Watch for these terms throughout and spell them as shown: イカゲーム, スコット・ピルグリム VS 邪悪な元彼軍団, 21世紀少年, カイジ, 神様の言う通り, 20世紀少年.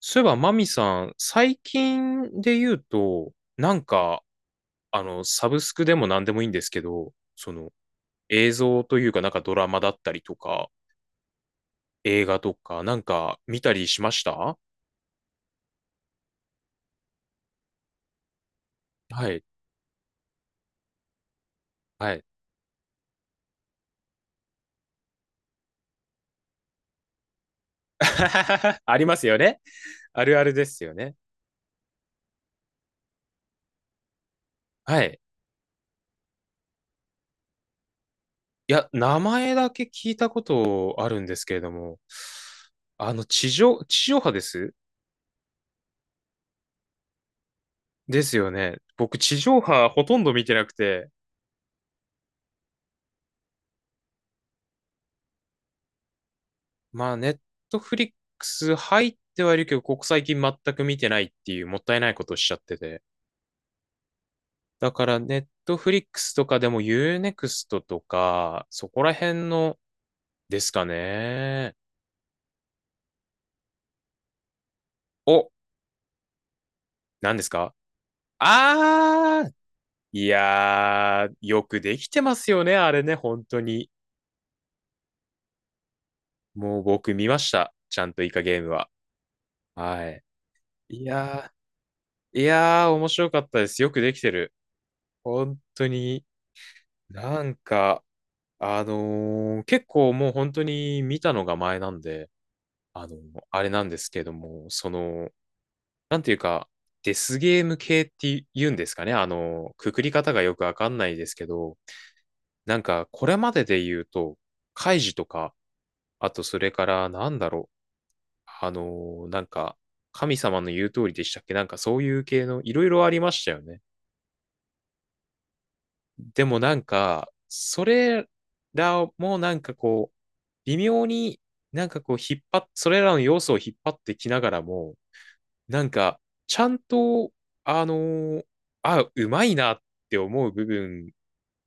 そういえば、マミさん、最近で言うと、サブスクでも何でもいいんですけど、映像というか、ドラマだったりとか、映画とか、見たりしました？はい、はい。ありますよね。あるあるですよね。はい。いや、名前だけ聞いたことあるんですけれども、あの、地上波です？ですよね。僕、地上波ほとんど見てなくて、まあ、ネットフリックス入ってはいるけど、ここ最近全く見てないっていうもったいないことをしちゃってて。だから、ネットフリックスとかでもユーネクストとか、そこら辺のですかね。お、何ですか？あー、いやー、よくできてますよね、あれね、本当に。もう僕見ました。ちゃんとイカゲームは。はい。いやいやー、面白かったです。よくできてる。本当に。なんか、結構もう本当に見たのが前なんで、あのーあれなんですけども、その、なんていうか、デスゲーム系って言うんですかね、くくり方がよくわかんないですけど、これまでで言うと、カイジとか、あとそれから、う、あのーなんか、神様の言う通りでしたっけ？そういう系のいろいろありましたよね。でもそれらも微妙になんかこう引っ張っ、それらの要素を引っ張ってきながらも、なんか、ちゃんと、あのーうまいなって思う部分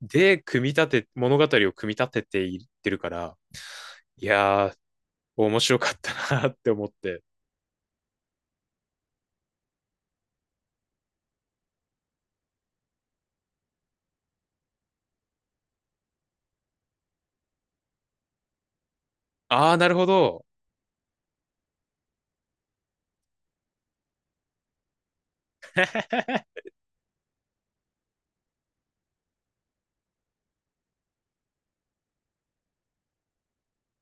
で組み立て、物語を組み立てていってるから、いやー、面白かったなって思って。あー、なるほど。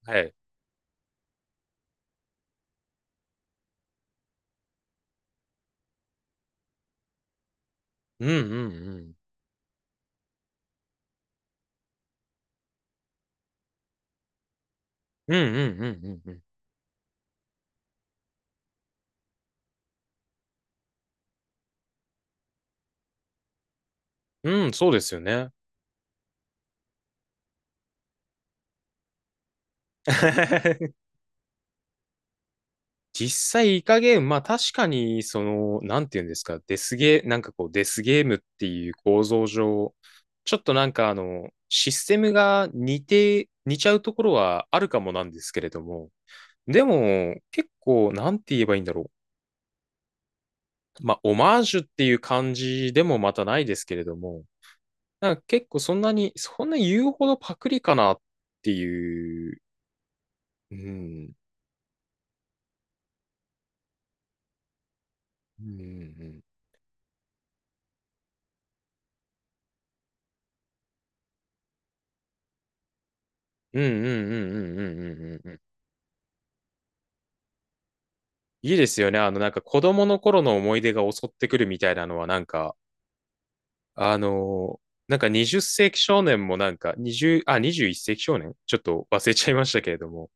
はい。うんうんうん。うんうんうんうんうん。うん、そうですよね。実際、いかゲーム、まあ確かに、その、なんていうんですか、デスゲー、なんかこう、デスゲームっていう構造上、ちょっとシステムが似ちゃうところはあるかもなんですけれども、でも、結構、なんて言えばいいんだろう。まあ、オマージュっていう感じでもまたないですけれども、結構そんな言うほどパクリかなっていう、うん、うん、うん、うん、うん、うん、うん、うん、うん、うん、いいですよね。あの、子供の頃の思い出が襲ってくるみたいなのは、20世紀少年も20、あ、21世紀少年ちょっと忘れちゃいましたけれども、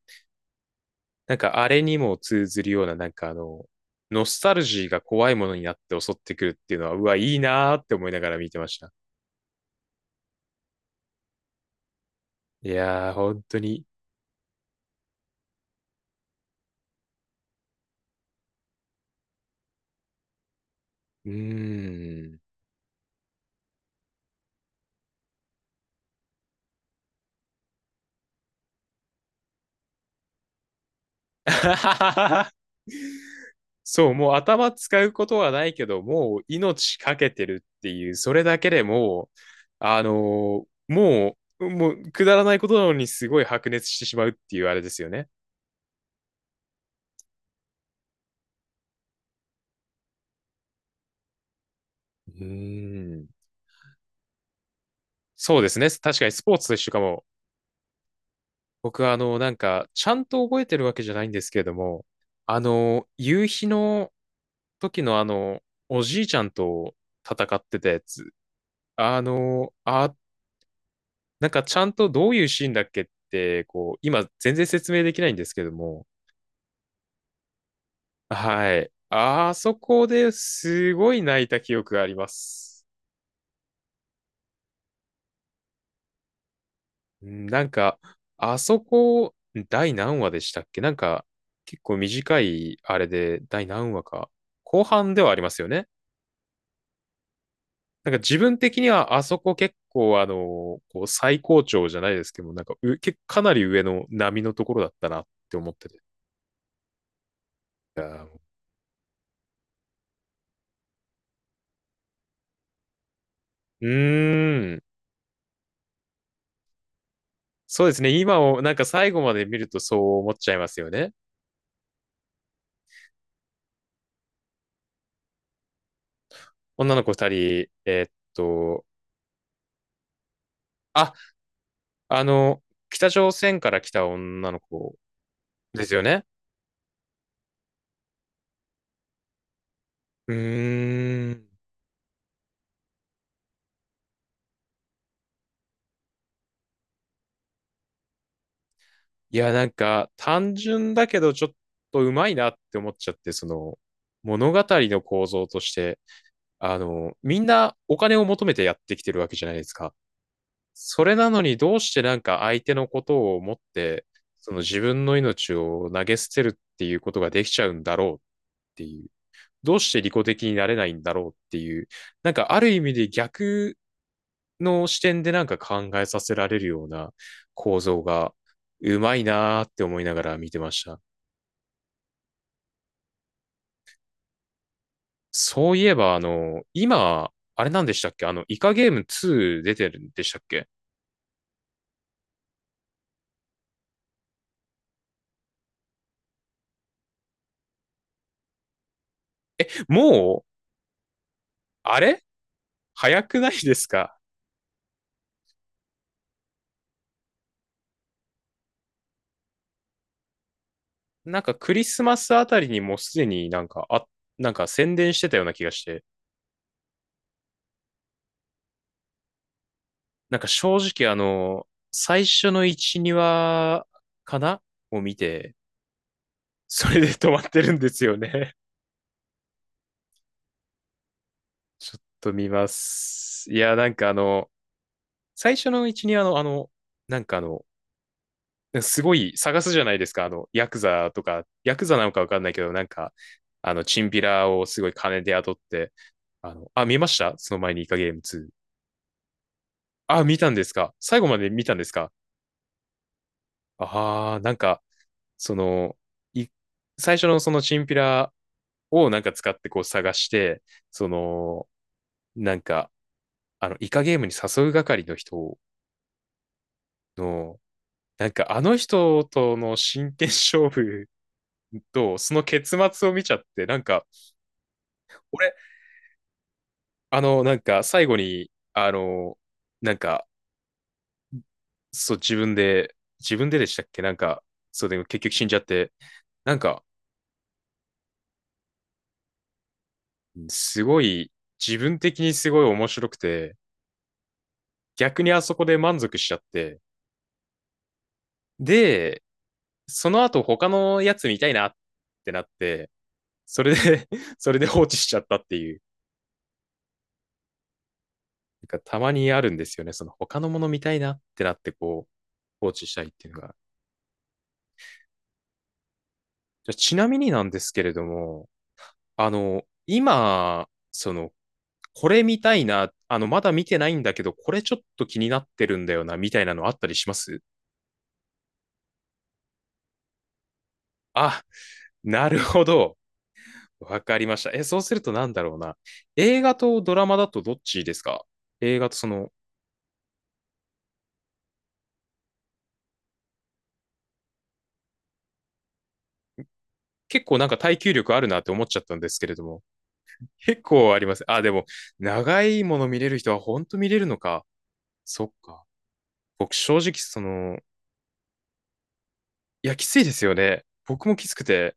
あれにも通ずるような、ノスタルジーが怖いものになって襲ってくるっていうのは、うわ、いいなーって思いながら見てました。いやー、本当に。うーん。そう、もう頭使うことはないけど、もう命かけてるっていう、それだけでもう、もうくだらないことなのにすごい白熱してしまうっていうあれですよね。うーん。そうですね。確かにスポーツと一緒かも。僕はあの、ちゃんと覚えてるわけじゃないんですけれども、あの、夕日の時のあの、おじいちゃんと戦ってたやつ。あの、あ、ちゃんとどういうシーンだっけって、こう、今全然説明できないんですけども、はい。あそこですごい泣いた記憶があります。うん。なんか、あそこ、第何話でしたっけ？結構短いあれで、第何話か。後半ではありますよね。自分的にはあそこ結構あの、こう最高潮じゃないですけども、なんかう、けかなり上の波のところだったなって思ってて。いやーうーん。そうですね。今を、最後まで見るとそう思っちゃいますよね。女の子二人、えーっと、あ、あの、北朝鮮から来た女の子ですよね。うーん。いや、単純だけどちょっとうまいなって思っちゃって、その物語の構造として、あの、みんなお金を求めてやってきてるわけじゃないですか。それなのにどうして相手のことを思って、その自分の命を投げ捨てるっていうことができちゃうんだろうっっていう、どうして利己的になれないんだろうっていう、ある意味で逆の視点で考えさせられるような構造がうまいなーって思いながら見てました。そういえば、あの、今、あれなんでしたっけ？あの、イカゲーム2出てるんでしたっけ？もう、あれ早くないですか？クリスマスあたりにもうすでに宣伝してたような気がして、正直あの、最初の1、2話かなを見て、それで 止まってるんですよね。ちょっと見ます。いや、最初の1、2話のあの、なんかあの、すごい探すじゃないですか。あの、ヤクザとか、ヤクザなのかわかんないけど、あの、チンピラをすごい金で雇って、見ましたその前にイカゲーム2。あ、見たんですか？最後まで見たんですか？ああー、その、い、最初のそのチンピラを使ってこう探して、その、なんか、あの、イカゲームに誘う係の人の、あの人との真剣勝負とその結末を見ちゃって、俺、あの、最後に、あの、なんか、そう、自分で、自分ででしたっけ？そうでも結局死んじゃって、なんか、すごい、自分的にすごい面白くて、逆にあそこで満足しちゃって、で、その後他のやつ見たいなってなって、それで それで放置しちゃったっていう、たまにあるんですよね。その他のもの見たいなってなってこう、放置したいっていうのが。じゃあちなみになんですけれども、あの、今、その、これ見たいな、あの、まだ見てないんだけど、これちょっと気になってるんだよな、みたいなのあったりします？あ、なるほど。わかりました。え、そうするとなんだろうな。映画とドラマだとどっちですか？映画とその、結構耐久力あるなって思っちゃったんですけれども、結構あります。あ、でも、長いもの見れる人は本当見れるのか。そっか。僕正直その、いや、きついですよね。僕もきつくて。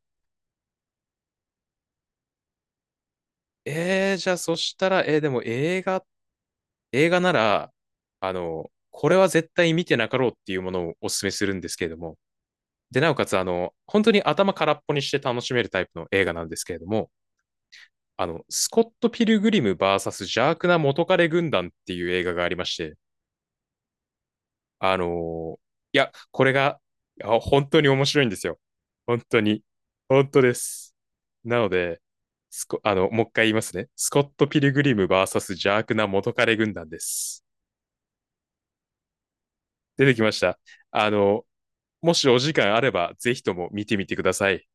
えー、じゃあそしたら、えー、でも映画、映画なら、あの、これは絶対見てなかろうっていうものをお勧めするんですけれども。で、なおかつ、あの、本当に頭空っぽにして楽しめるタイプの映画なんですけれども、あの、スコット・ピルグリム VS 邪悪な元彼軍団っていう映画がありまして、あのいや、これが、いや本当に面白いんですよ。本当に。本当です。なので、スコ、あの、もう一回言いますね。スコット・ピルグリム v ス邪悪な元彼軍団です。出てきました。あの、もしお時間あれば、ぜひとも見てみてください。